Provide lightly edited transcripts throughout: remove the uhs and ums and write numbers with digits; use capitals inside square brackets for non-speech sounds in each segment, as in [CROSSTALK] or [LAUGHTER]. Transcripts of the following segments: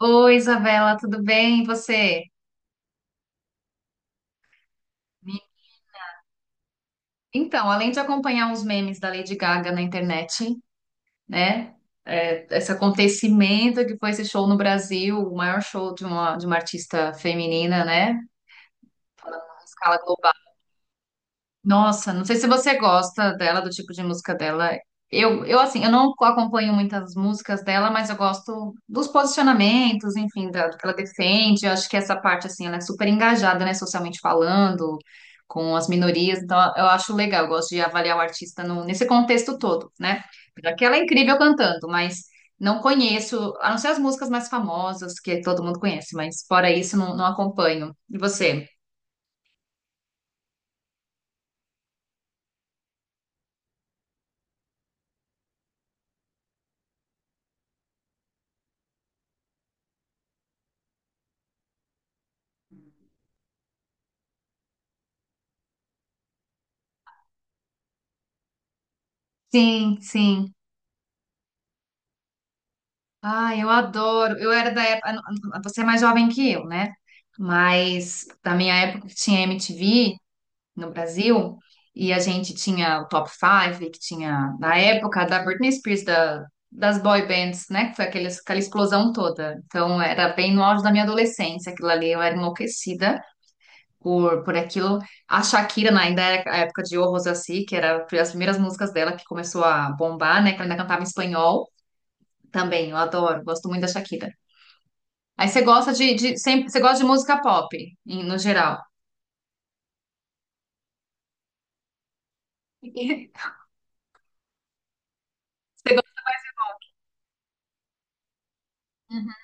Oi, Isabela, tudo bem? E você? Me- Então, além de acompanhar uns memes da Lady Gaga na internet, né? É, esse acontecimento que foi esse show no Brasil, o maior show de uma artista feminina, né? Falando em escala global. Nossa, não sei se você gosta dela, do tipo de música dela. Eu assim, eu não acompanho muitas músicas dela, mas eu gosto dos posicionamentos, enfim, da, do que ela defende. Eu acho que essa parte, assim, ela é super engajada, né, socialmente falando, com as minorias. Então, eu acho legal, eu gosto de avaliar o artista nesse contexto todo, né? Porque ela é incrível cantando, mas não conheço, a não ser as músicas mais famosas, que todo mundo conhece, mas fora isso, não, não acompanho. E você? Sim, sim. Ah, eu adoro. Eu era da época. Você é mais jovem que eu, né? Mas da minha época que tinha MTV no Brasil, e a gente tinha o Top 5, que tinha, na época, da Britney Spears, das boy bands, né? Que foi aquele, aquela explosão toda. Então, era bem no auge da minha adolescência, aquilo ali. Eu era enlouquecida por aquilo. A Shakira, né, ainda era a época de O Rosassi, que era as primeiras músicas dela que começou a bombar, né? Que ela ainda cantava em espanhol. Também, eu adoro, gosto muito da Shakira. Aí você gosta de sempre, você gosta de música pop, no geral. [LAUGHS] Você gosta... Uhum,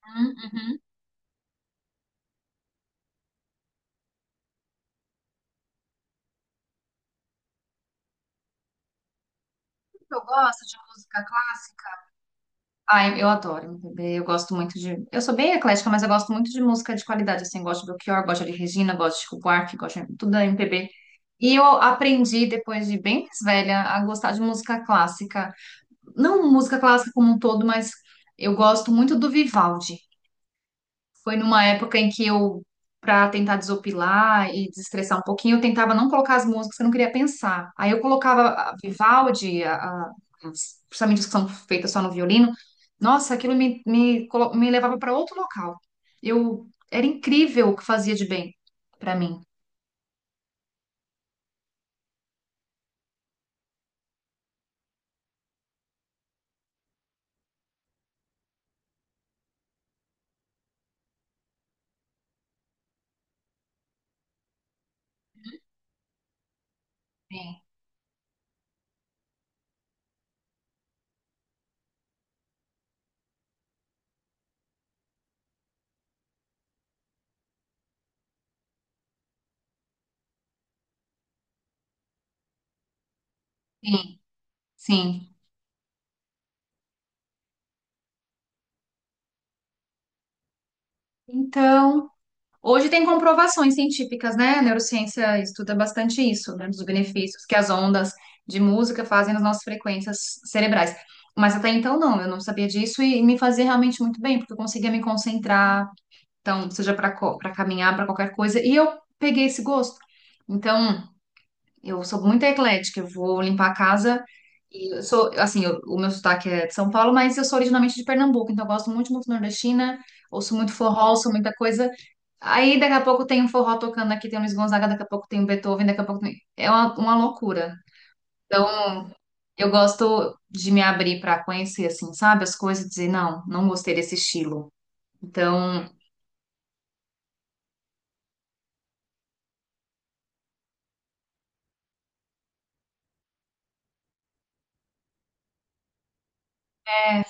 uhum. Eu gosto de música clássica. Ai, eu adoro MPB, eu gosto muito de... Eu sou bem eclética, mas eu gosto muito de música de qualidade, assim, gosto de Belchior, gosto de Regina, gosto de Chico Buarque, gosto de tudo da MPB. E eu aprendi, depois de bem mais velha, a gostar de música clássica. Não música clássica como um todo, mas eu gosto muito do Vivaldi. Foi numa época em que eu, para tentar desopilar e desestressar um pouquinho, eu tentava não colocar as músicas que eu não queria pensar. Aí eu colocava a Vivaldi, principalmente as que são feitas só no violino. Nossa, aquilo me levava para outro local. Eu era incrível o que fazia de bem para mim. Sim, sim. Sim. Então, hoje tem comprovações científicas, né? A neurociência estuda bastante isso, né? Dos benefícios que as ondas de música fazem nas nossas frequências cerebrais. Mas até então não, eu não sabia disso e me fazia realmente muito bem, porque eu conseguia me concentrar, então, seja para caminhar, para qualquer coisa, e eu peguei esse gosto. Então, eu sou muito eclética, eu vou limpar a casa e eu sou, assim, o meu sotaque é de São Paulo, mas eu sou originalmente de Pernambuco, então eu gosto muito de música nordestina, ouço muito forró, ouço muita coisa. Aí daqui a pouco tem um forró tocando aqui, tem um Luiz Gonzaga, daqui a pouco tem um Beethoven, daqui a pouco tem... É uma loucura. Então, eu gosto de me abrir para conhecer, assim, sabe, as coisas e dizer, não, não gostei desse estilo. Então, é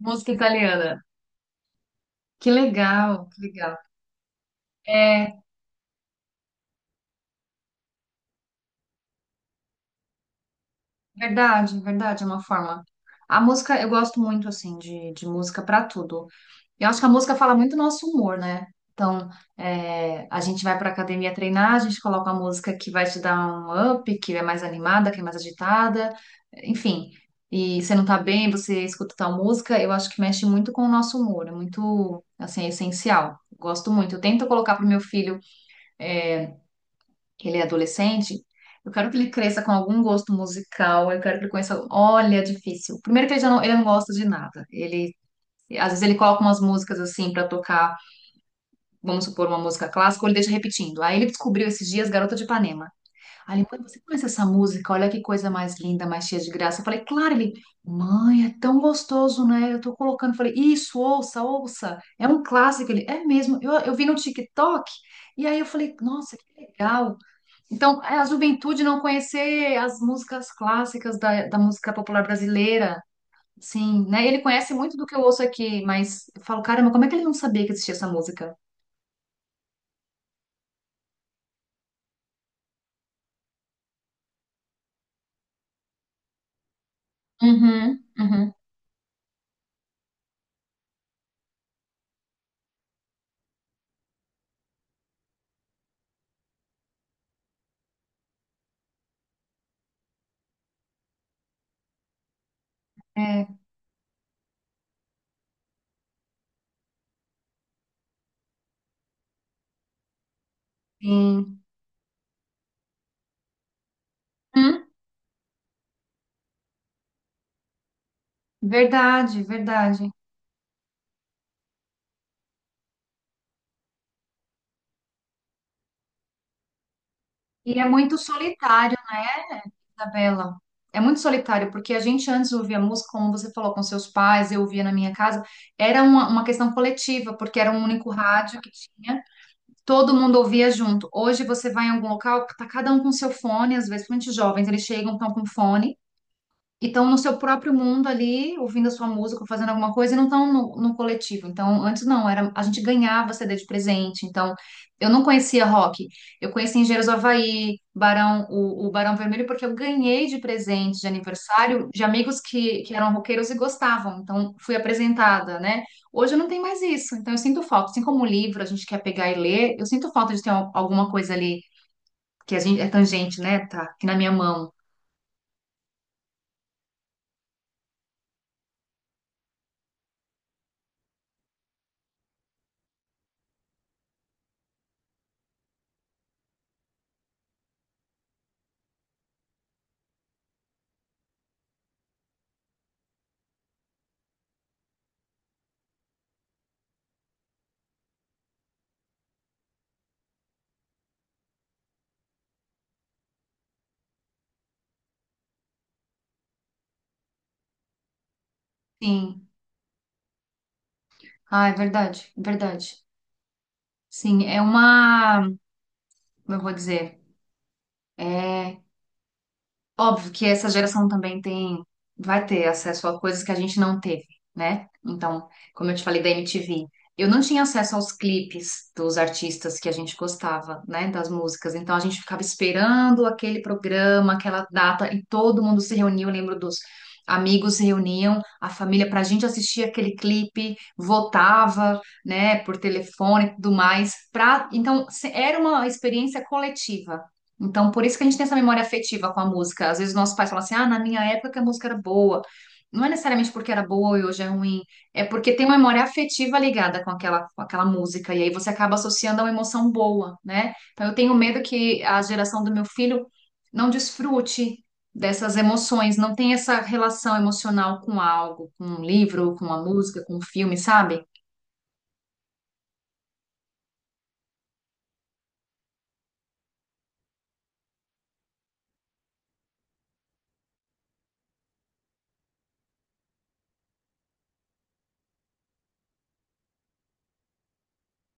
música italiana. Que legal, que legal. É verdade, verdade, é uma forma. A música, eu gosto muito, assim, de música para tudo. Eu acho que a música fala muito do nosso humor, né? Então, é, a gente vai para academia treinar, a gente coloca uma música que vai te dar um up, que é mais animada, que é mais agitada, enfim. E você não tá bem, você escuta tal música, eu acho que mexe muito com o nosso humor, é muito, assim, é essencial. Gosto muito. Eu tento colocar pro meu filho, é, que ele é adolescente, eu quero que ele cresça com algum gosto musical, eu quero que ele conheça. Olha, é difícil. Primeiro que ele já não, ele não gosta de nada. Ele, às vezes ele coloca umas músicas assim para tocar, vamos supor, uma música clássica, ou ele deixa repetindo. Aí ele descobriu esses dias Garota de Ipanema. Aí ele, mãe, você conhece essa música? Olha que coisa mais linda, mais cheia de graça. Eu falei, claro, ele, mãe, é tão gostoso, né? Eu tô colocando. Eu falei, isso, ouça, ouça. É um clássico. Ele, é mesmo. Eu vi no TikTok. E aí eu falei, nossa, que legal. Então, é a juventude não conhecer as músicas clássicas da, da música popular brasileira. Sim, né? Ele conhece muito do que eu ouço aqui, mas eu falo, caramba, como é que ele não sabia que existia essa música? Uhum, uhum. É, sim. Hum, verdade, verdade. E é muito solitário, Isabela. É muito solitário, porque a gente antes ouvia música, como você falou, com seus pais, eu ouvia na minha casa. Era uma questão coletiva, porque era um único rádio que tinha, todo mundo ouvia junto. Hoje você vai em algum local, tá cada um com seu fone, às vezes, principalmente os jovens, eles chegam, estão com fone. E estão no seu próprio mundo ali, ouvindo a sua música, ou fazendo alguma coisa, e não estão no, no coletivo. Então, antes não, era a gente ganhava CD de presente. Então, eu não conhecia rock. Eu conheci Engenheiros do Havaí, Barão, o Barão Vermelho, porque eu ganhei de presente de aniversário de amigos que eram roqueiros e gostavam. Então, fui apresentada, né? Hoje eu não tem mais isso. Então, eu sinto falta. Assim como o livro a gente quer pegar e ler, eu sinto falta de ter alguma coisa ali que a gente é tangente, né? Tá aqui na minha mão. Sim. Ah, é verdade, verdade. Sim, é uma, como eu vou dizer, é óbvio que essa geração também tem, vai ter acesso a coisas que a gente não teve, né? Então, como eu te falei da MTV, eu não tinha acesso aos clipes dos artistas que a gente gostava, né? Das músicas. Então, a gente ficava esperando aquele programa, aquela data, e todo mundo se reuniu. Eu lembro dos amigos se reuniam, a família, para a gente assistir aquele clipe, votava, né? Por telefone e tudo mais. Pra... Então, era uma experiência coletiva. Então, por isso que a gente tem essa memória afetiva com a música. Às vezes nossos pais falam assim: ah, na minha época que a música era boa. Não é necessariamente porque era boa e hoje é ruim, é porque tem uma memória afetiva ligada com aquela música, e aí você acaba associando a uma emoção boa, né? Então eu tenho medo que a geração do meu filho não desfrute dessas emoções, não tenha essa relação emocional com algo, com um livro, com uma música, com um filme, sabe?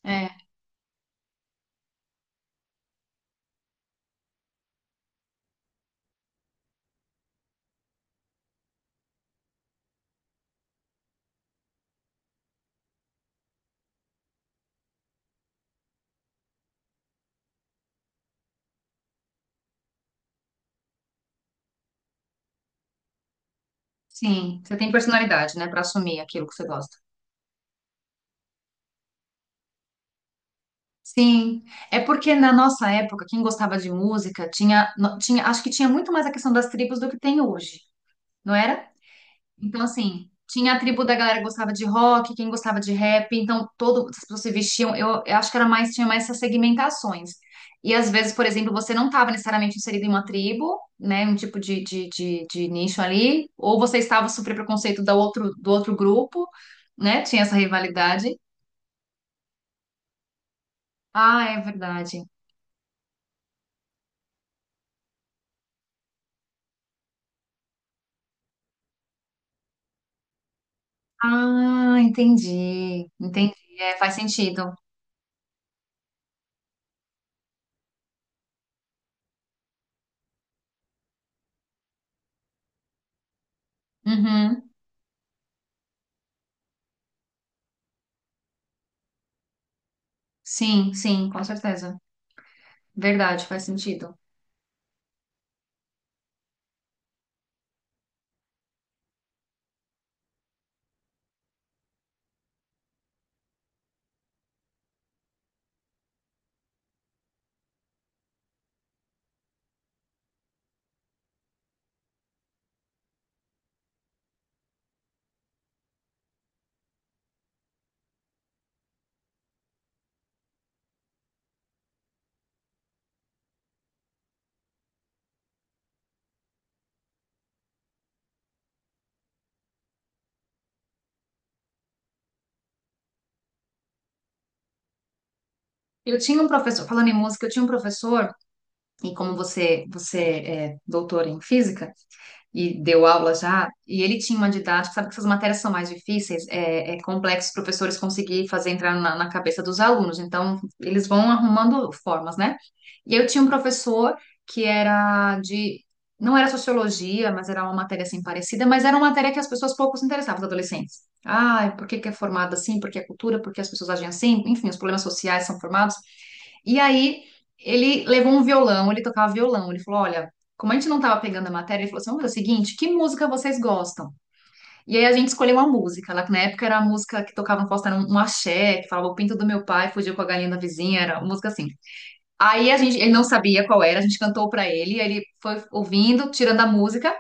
É, sim, você tem personalidade, né, pra assumir aquilo que você gosta. Sim, é porque na nossa época, quem gostava de música tinha, no- tinha, acho que tinha muito mais a questão das tribos do que tem hoje, não era? Então, assim, tinha a tribo da galera que gostava de rock, quem gostava de rap, então todo, as pessoas se vestiam, eu acho que era mais, tinha mais essas segmentações. E às vezes, por exemplo, você não estava necessariamente inserido em uma tribo, né, um tipo de nicho ali, ou você estava super preconceito do outro grupo, né, tinha essa rivalidade. Ah, é verdade. Ah, entendi. Entendi. É, faz sentido. Uhum. Sim, sim, com certeza. Verdade, faz sentido. Eu tinha um professor, falando em música, eu tinha um professor, e como você, você é doutor em física e deu aula já, e ele tinha uma didática, sabe que essas matérias são mais difíceis, é, é complexo os professores conseguir fazer entrar na, na cabeça dos alunos, então eles vão arrumando formas, né? E eu tinha um professor que era de. Não era sociologia, mas era uma matéria assim parecida, mas era uma matéria que as pessoas pouco se interessavam, os adolescentes. Ah, por que que é formado assim? Por que é cultura? Por que as pessoas agem assim? Enfim, os problemas sociais são formados. E aí ele levou um violão, ele tocava violão. Ele falou: olha, como a gente não estava pegando a matéria, ele falou assim: vamos fazer o seguinte, que música vocês gostam? E aí a gente escolheu uma música. Lá que na época era a música que tocava no posto, era um axé, que falava o pinto do meu pai fugiu com a galinha da vizinha, era uma música assim. Aí a gente, ele não sabia qual era, a gente cantou pra ele, aí ele foi ouvindo, tirando a música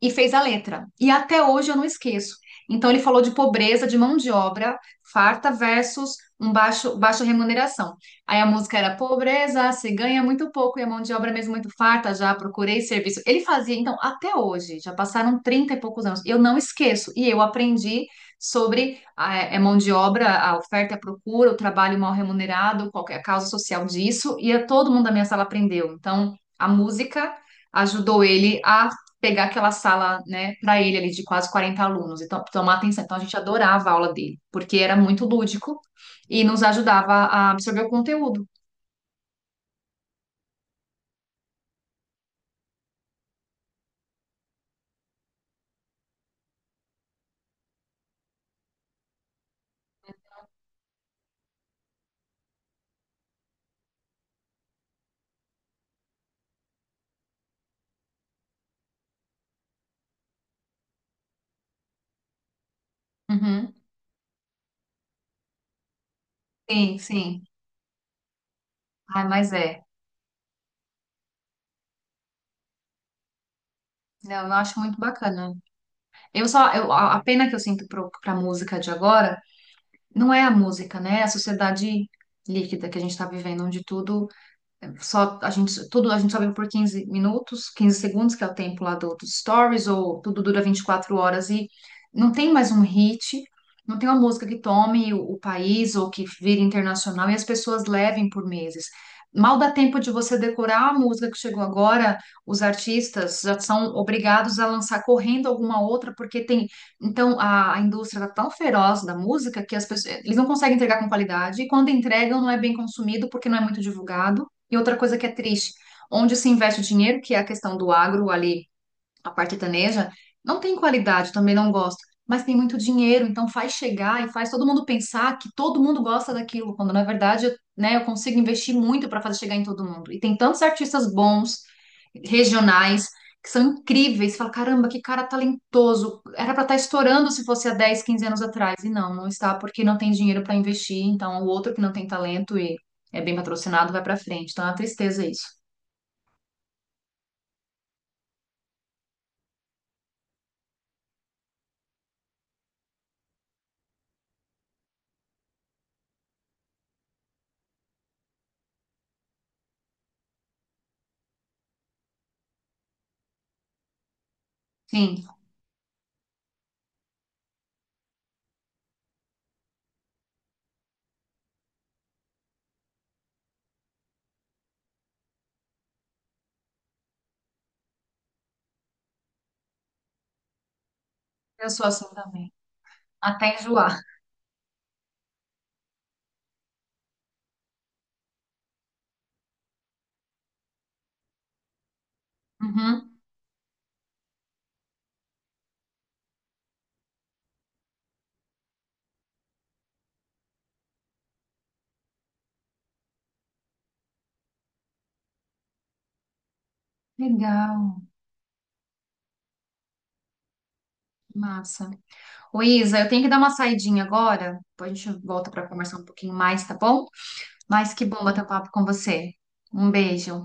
e fez a letra. E até hoje eu não esqueço. Então ele falou de pobreza de mão de obra farta versus um baixo baixa remuneração. Aí a música era pobreza, se ganha muito pouco e a mão de obra mesmo muito farta, já procurei serviço. Ele fazia, então, até hoje, já passaram 30 e poucos anos. Eu não esqueço e eu aprendi sobre a mão de obra, a oferta e a procura, o trabalho mal remunerado, qualquer causa social disso, e todo mundo da minha sala aprendeu. Então, a música ajudou ele a pegar aquela sala, né, para ele ali de quase 40 alunos e tomar atenção. Então a gente adorava a aula dele, porque era muito lúdico e nos ajudava a absorver o conteúdo. Uhum. Sim, sim. Ai, mas é. Não, eu acho muito bacana. Eu só, eu, a pena que eu sinto para a música de agora não é a música, né? É a sociedade líquida que a gente está vivendo, onde tudo só a gente, tudo a gente só vive por 15 minutos, 15 segundos, que é o tempo lá do, dos stories, ou tudo dura 24 horas e não tem mais um hit, não tem uma música que tome o país ou que vire internacional e as pessoas levem por meses. Mal dá tempo de você decorar a música que chegou agora, os artistas já são obrigados a lançar correndo alguma outra, porque tem. Então, a indústria está tão feroz da música que as pessoas, eles não conseguem entregar com qualidade, e quando entregam, não é bem consumido porque não é muito divulgado. E outra coisa que é triste, onde se investe o dinheiro, que é a questão do agro ali, a parte sertaneja, não tem qualidade, também não gosto, mas tem muito dinheiro, então faz chegar e faz todo mundo pensar que todo mundo gosta daquilo, quando na verdade, eu, né, eu consigo investir muito para fazer chegar em todo mundo. E tem tantos artistas bons, regionais, que são incríveis, fala, caramba, que cara talentoso, era para estar estourando se fosse há 10 15 anos atrás. E não, não está porque não tem dinheiro para investir, então o outro que não tem talento e é bem patrocinado vai para frente. Então é uma tristeza isso. Sim, eu sou assim também. Até enjoar. Uhum. Legal, massa. Ô, Isa, eu tenho que dar uma saidinha agora. Depois a gente volta para conversar um pouquinho mais, tá bom? Mas que bom bater um papo com você. Um beijo.